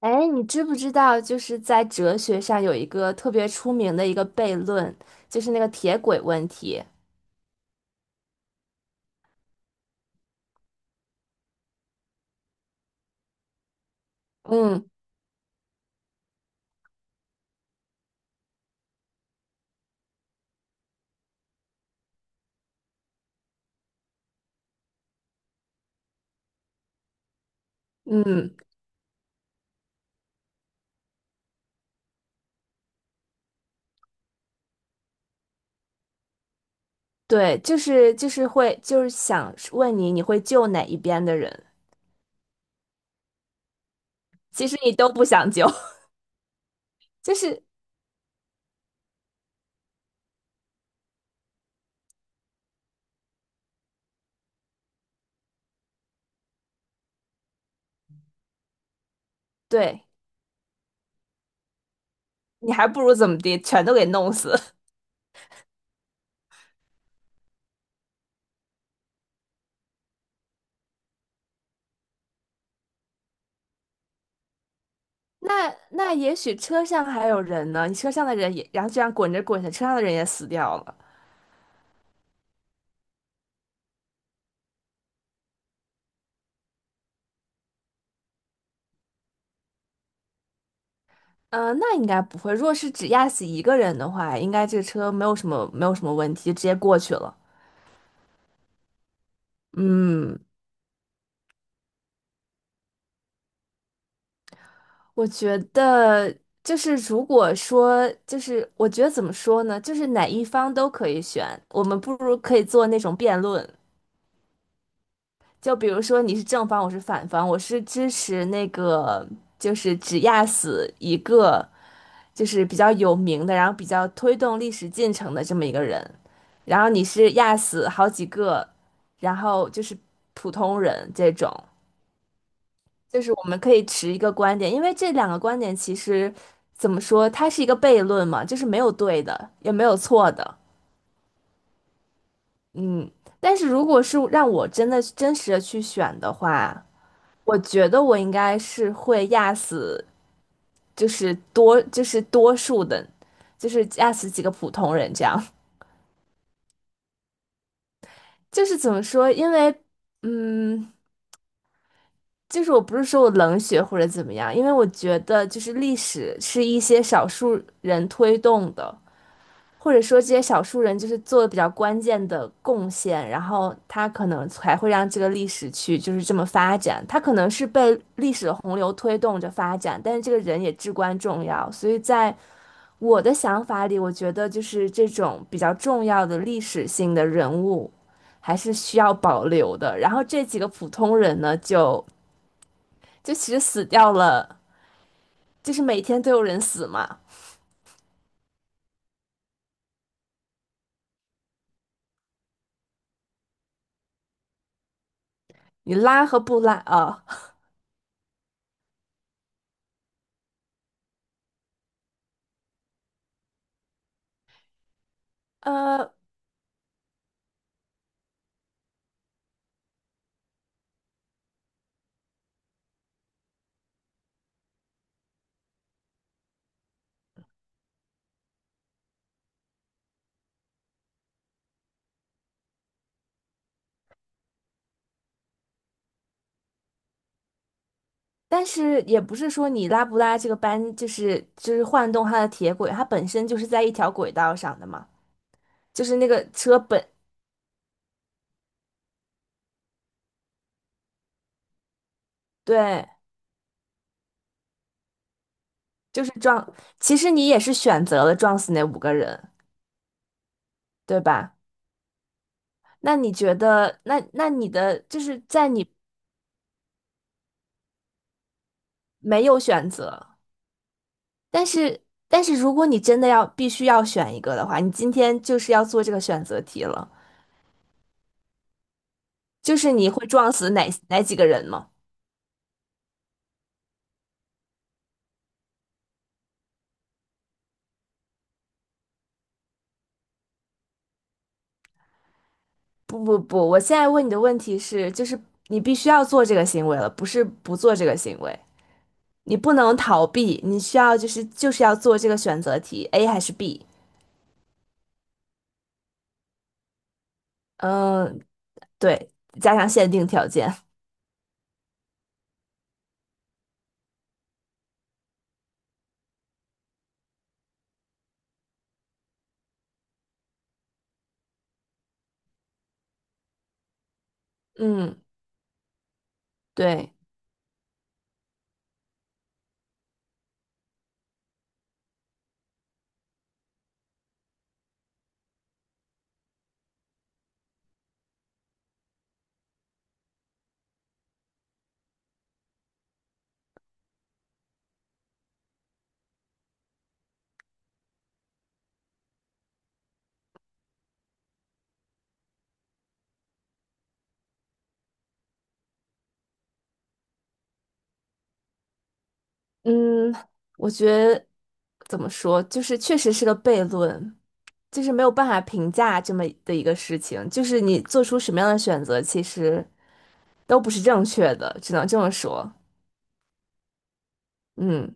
哎，你知不知道，就是在哲学上有一个特别出名的一个悖论，就是那个铁轨问题。嗯嗯，对，就是想问你，你会救哪一边的人？其实你都不想救，就是对你还不如怎么地，全都给弄死。那那也许车上还有人呢，你车上的人也，然后这样滚着滚着，车上的人也死掉了。嗯、那应该不会。如果是只压死一个人的话，应该这个车没有什么问题，就直接过去了。嗯，我觉得就是如果说我觉得怎么说呢，就是哪一方都可以选，我们不如可以做那种辩论，就比如说你是正方，我是反方，我是支持那个就是只压死一个就是比较有名的，然后比较推动历史进程的这么一个人，然后你是压死好几个，然后就是普通人这种。就是我们可以持一个观点，因为这两个观点其实怎么说，它是一个悖论嘛，就是没有对的，也没有错的，嗯。但是如果是让我真的真实的去选的话，我觉得我应该是会压死，就是多数的，就是压死几个普通人这样。就是怎么说，因为嗯，就是我不是说我冷血或者怎么样，因为我觉得就是历史是一些少数人推动的。或者说这些少数人就是做的比较关键的贡献，然后他可能才会让这个历史去就是这么发展。他可能是被历史的洪流推动着发展，但是这个人也至关重要。所以在我的想法里，我觉得就是这种比较重要的历史性的人物还是需要保留的。然后这几个普通人呢，就其实死掉了，就是每天都有人死嘛。你拉和不拉啊？呃，但是也不是说你拉不拉这个班，就是晃动它的铁轨，它本身就是在一条轨道上的嘛，就是那个车本，对，就是撞，其实你也是选择了撞死那五个人，对吧？那你觉得，那那你的就是在你没有选择，但是如果你真的要必须要选一个的话，你今天就是要做这个选择题了，就是你会撞死哪几个人吗？不不不，我现在问你的问题是，就是你必须要做这个行为了，不是不做这个行为，你不能逃避，你需要就是要做这个选择题，A 还是 B？嗯，对，加上限定条件，嗯，对，嗯，我觉得怎么说，就是确实是个悖论，就是没有办法评价这么的一个事情，就是你做出什么样的选择，其实都不是正确的，只能这么说，嗯。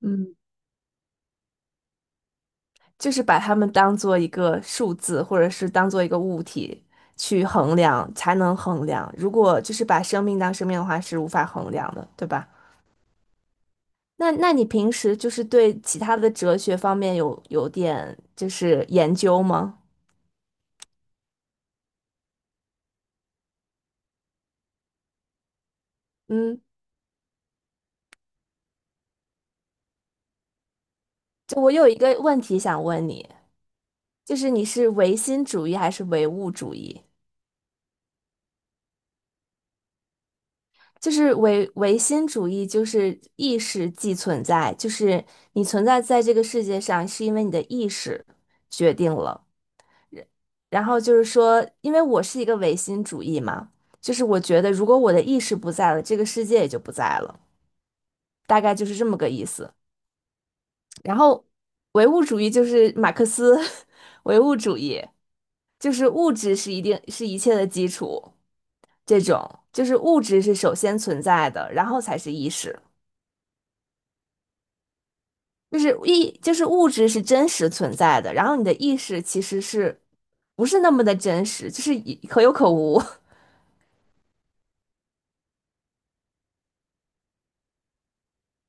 嗯。就是把它们当做一个数字，或者是当做一个物体去衡量，才能衡量。如果就是把生命当生命的话，是无法衡量的，对吧？那那你平时就是对其他的哲学方面有点就是研究吗？嗯，就我有一个问题想问你，就是你是唯心主义还是唯物主义？就是唯心主义，就是意识即存在，就是你存在在这个世界上，是因为你的意识决定了。然后就是说，因为我是一个唯心主义嘛，就是我觉得如果我的意识不在了，这个世界也就不在了，大概就是这么个意思。然后唯物主义就是马克思 唯物主义，就是物质一定是一切的基础，这种就是物质是首先存在的，然后才是意识，就是意就是物质是真实存在的，然后你的意识其实是不是那么的真实，就是以可有可无。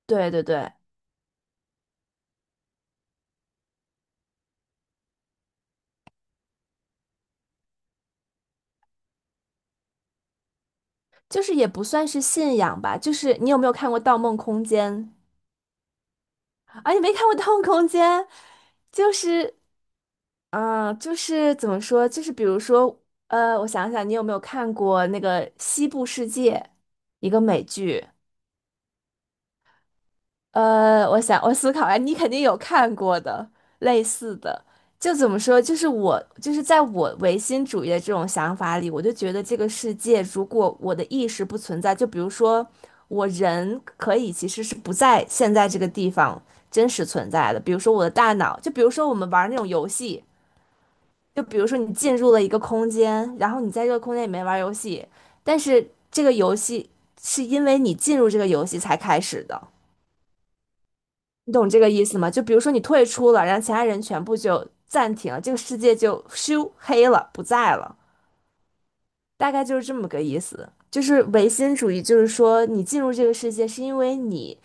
对对对，就是也不算是信仰吧，就是你有没有看过《盗梦空间》啊？你没看过《<laughs> 盗梦空间》，就是啊、就是怎么说，就是比如说，我想想，你有没有看过那个《西部世界》一个美剧？我想我思考啊，你肯定有看过的类似的，就怎么说，就是在我唯心主义的这种想法里，我就觉得这个世界如果我的意识不存在，就比如说我人可以其实是不在现在这个地方真实存在的，比如说我的大脑，就比如说我们玩那种游戏，就比如说你进入了一个空间，然后你在这个空间里面玩游戏，但是这个游戏是因为你进入这个游戏才开始的。你懂这个意思吗？就比如说你退出了，然后其他人全部就暂停了，这个世界就咻黑了，不在了，大概就是这么个意思。就是唯心主义，就是说你进入这个世界是因为你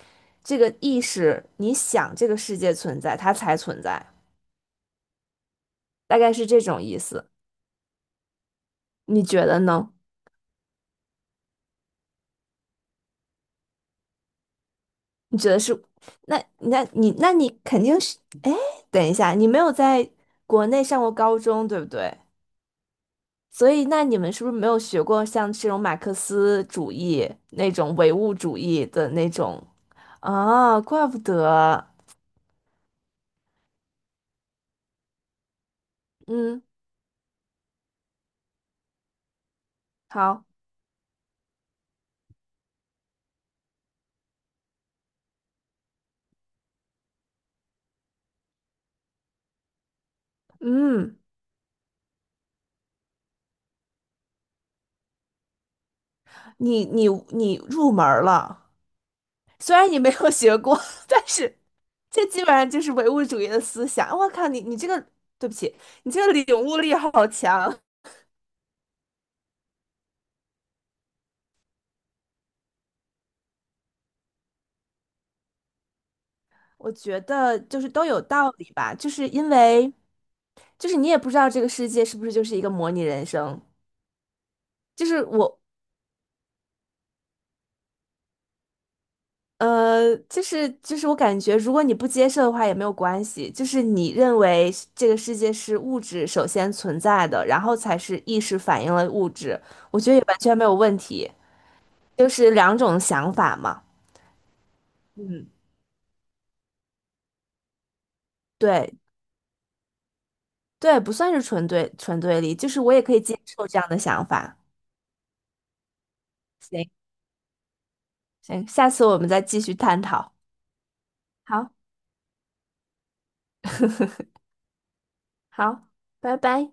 这个意识，你想这个世界存在，它才存在，大概是这种意思。你觉得呢？你觉得是？那你肯定是，哎，等一下，你没有在国内上过高中，对不对？所以，那你们是不是没有学过像这种马克思主义那种唯物主义的那种？啊，怪不得，嗯，好，嗯，你入门儿了，虽然你没有学过，但是这基本上就是唯物主义的思想。我靠，你这个，对不起，你这个领悟力好强。我觉得就是都有道理吧，就是因为就是你也不知道这个世界是不是就是一个模拟人生，就是我就是，我感觉如果你不接受的话也没有关系，就是你认为是这个世界是物质首先存在的，然后才是意识反映了物质，我觉得也完全没有问题，就是两种想法嘛。嗯，对对，不算是纯对立，就是我也可以接受这样的想法。行行，下次我们再继续探讨。好，好，拜拜。